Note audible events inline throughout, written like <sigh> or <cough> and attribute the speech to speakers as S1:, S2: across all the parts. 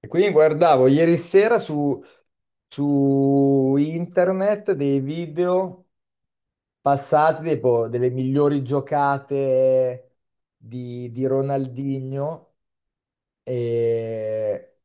S1: E quindi guardavo ieri sera su internet dei video passati tipo, delle migliori giocate di Ronaldinho e,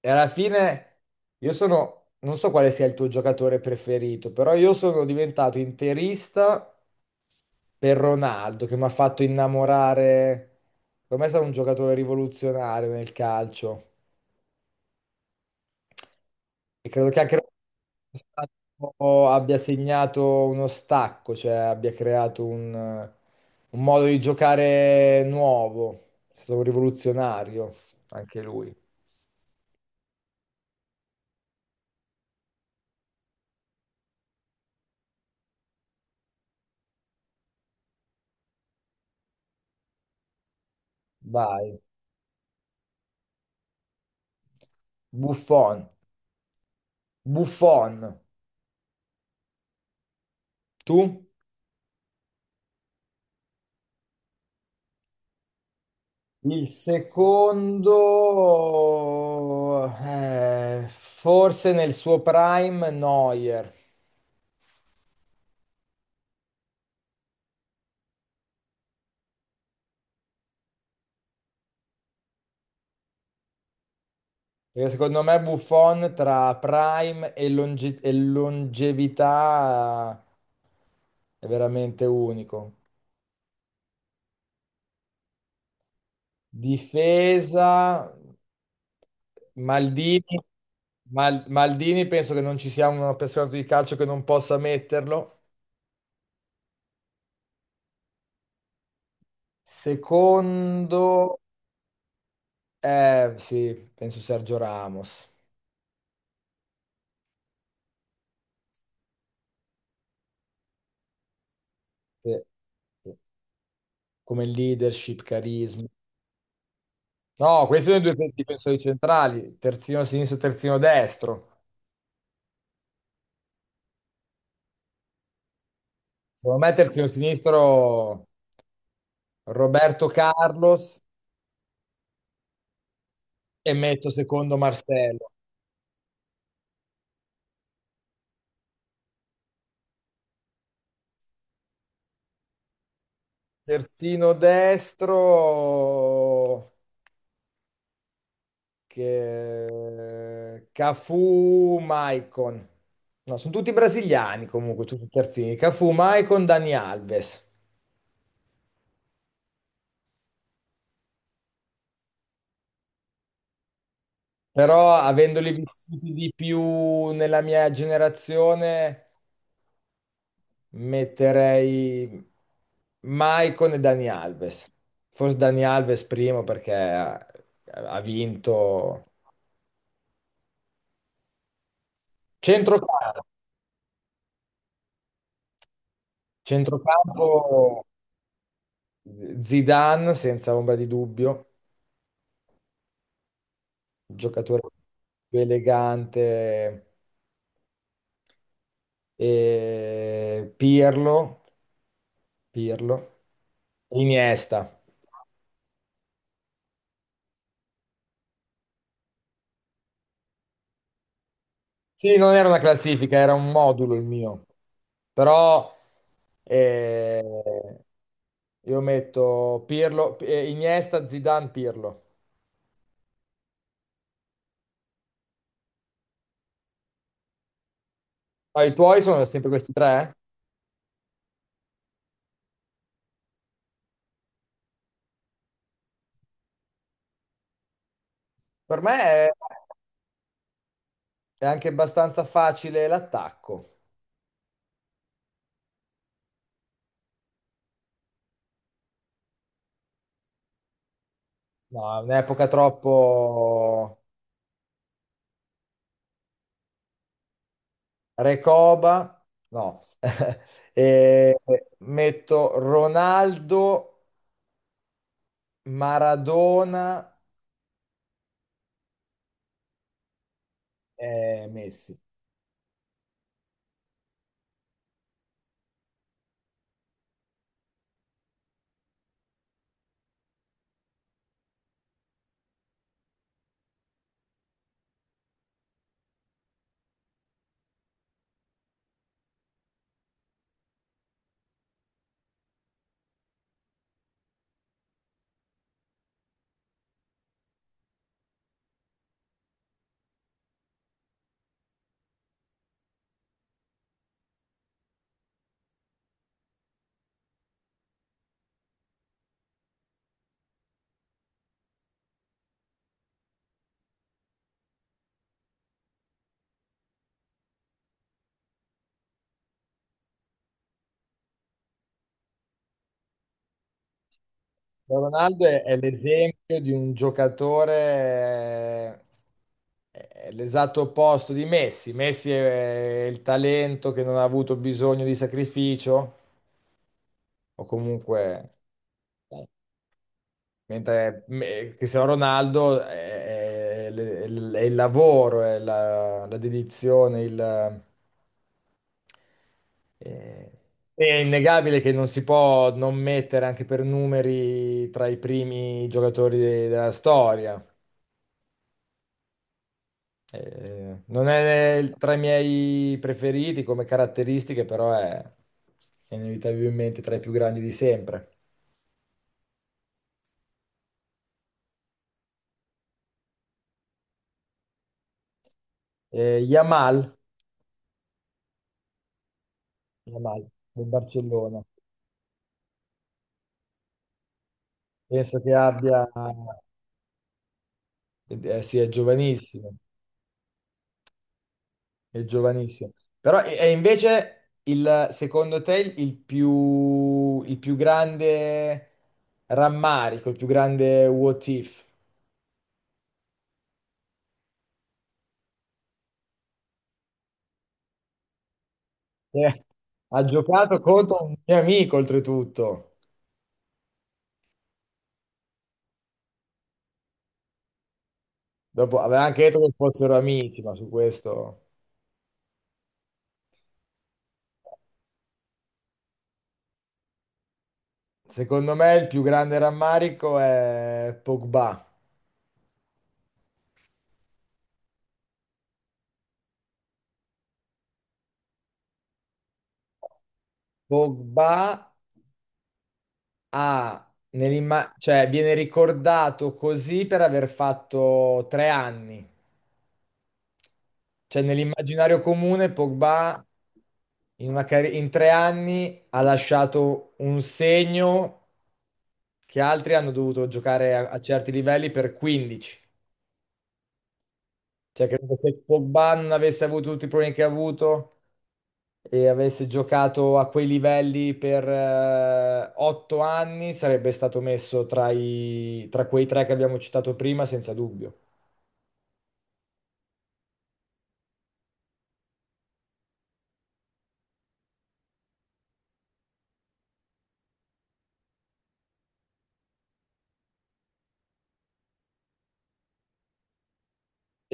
S1: e alla fine non so quale sia il tuo giocatore preferito, però io sono diventato interista per Ronaldo che mi ha fatto innamorare. Per me è stato un giocatore rivoluzionario nel calcio. E credo che anche stato- abbia segnato uno stacco, cioè abbia creato un modo di giocare nuovo. È stato un rivoluzionario anche lui. Vai, Buffon. Buffon, tu? Il secondo, forse nel suo prime, Neuer. Perché secondo me Buffon tra prime e longevità è veramente unico. Difesa, Maldini. Maldini penso che non ci sia un appassionato di calcio che non possa metterlo. Secondo, eh sì, penso Sergio Ramos. Sì, sì. Come leadership, carisma. No, questi sono i due difensori centrali, terzino sinistro, terzino destro. Devo mettersi un sinistro, Roberto Carlos, e metto secondo Marcello. Terzino destro, che Cafu, Maicon. No, sono tutti brasiliani comunque, tutti terzini. Cafu, Maicon, Dani Alves. Però avendoli vissuti di più nella mia generazione, metterei Maicon e Dani Alves. Forse Dani Alves primo perché ha vinto centrocampo, centrocampo, Zidane senza ombra di dubbio, giocatore più elegante, e Pirlo, Iniesta. Sì, non era una classifica, era un modulo il mio. Però eh, io metto Pirlo, Iniesta, Zidane, Pirlo. Ma i tuoi sono sempre questi tre? Per me è anche abbastanza facile l'attacco. No, è un'epoca troppo Recoba. No. <laughs> E metto Ronaldo, Maradona e Messi. Ronaldo è l'esempio di un giocatore. Eh, è l'esatto opposto di Messi. Messi è il talento che non ha avuto bisogno di sacrificio, o comunque eh, mentre Cristiano Ronaldo è il lavoro, è la dedizione, eh, è innegabile che non si può non mettere anche per numeri tra i primi giocatori della storia. Non è tra i miei preferiti come caratteristiche, però è inevitabilmente tra i più grandi di sempre. Yamal, Yamal del Barcellona. Penso che abbia, sì, è giovanissimo, è giovanissimo. Però è invece il, secondo te, il più, il più grande rammarico, il più grande what if? Eh, ha giocato contro un mio amico, oltretutto. Dopo aveva anche detto che fossero amici, ma su questo... Secondo me il più grande rammarico è Pogba. Pogba, ah, cioè viene ricordato così per aver fatto 3 anni. Cioè nell'immaginario comune Pogba, in 3 anni, ha lasciato un segno che altri hanno dovuto giocare a, a certi livelli per 15. Cioè credo che se Pogba non avesse avuto tutti i problemi che ha avuto e avesse giocato a quei livelli per 8 anni, sarebbe stato messo tra tra quei tre che abbiamo citato prima, senza dubbio.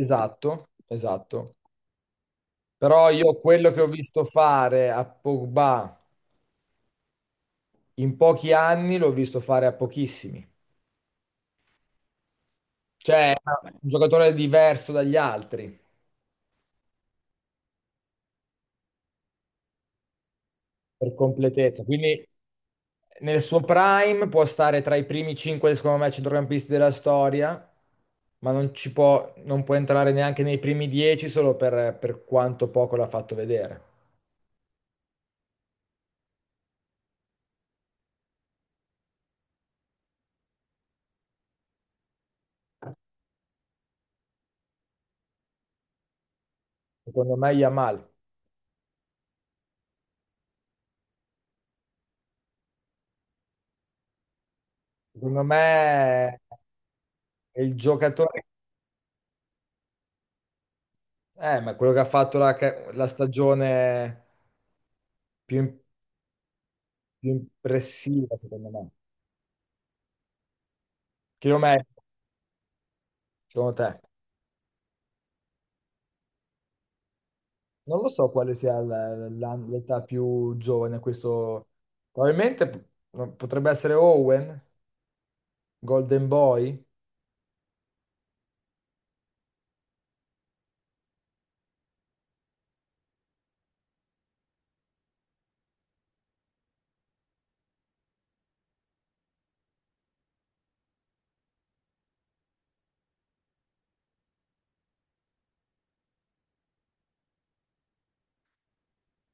S1: Esatto, esatto. Però io quello che ho visto fare a Pogba in pochi anni l'ho visto fare a pochissimi. Cioè, è un giocatore diverso dagli altri per completezza. Quindi nel suo prime può stare tra i primi 5, secondo me, centrocampisti della storia, ma non ci può, non può entrare neanche nei primi 10 solo per quanto poco l'ha fatto vedere. Secondo me Yamal. Secondo me è il giocatore. Ma quello che ha fatto la stagione più, im- più impressiva, secondo me. Chilometro, secondo te? Non lo so quale sia l'età più giovane, questo probabilmente no, potrebbe essere Owen, Golden Boy.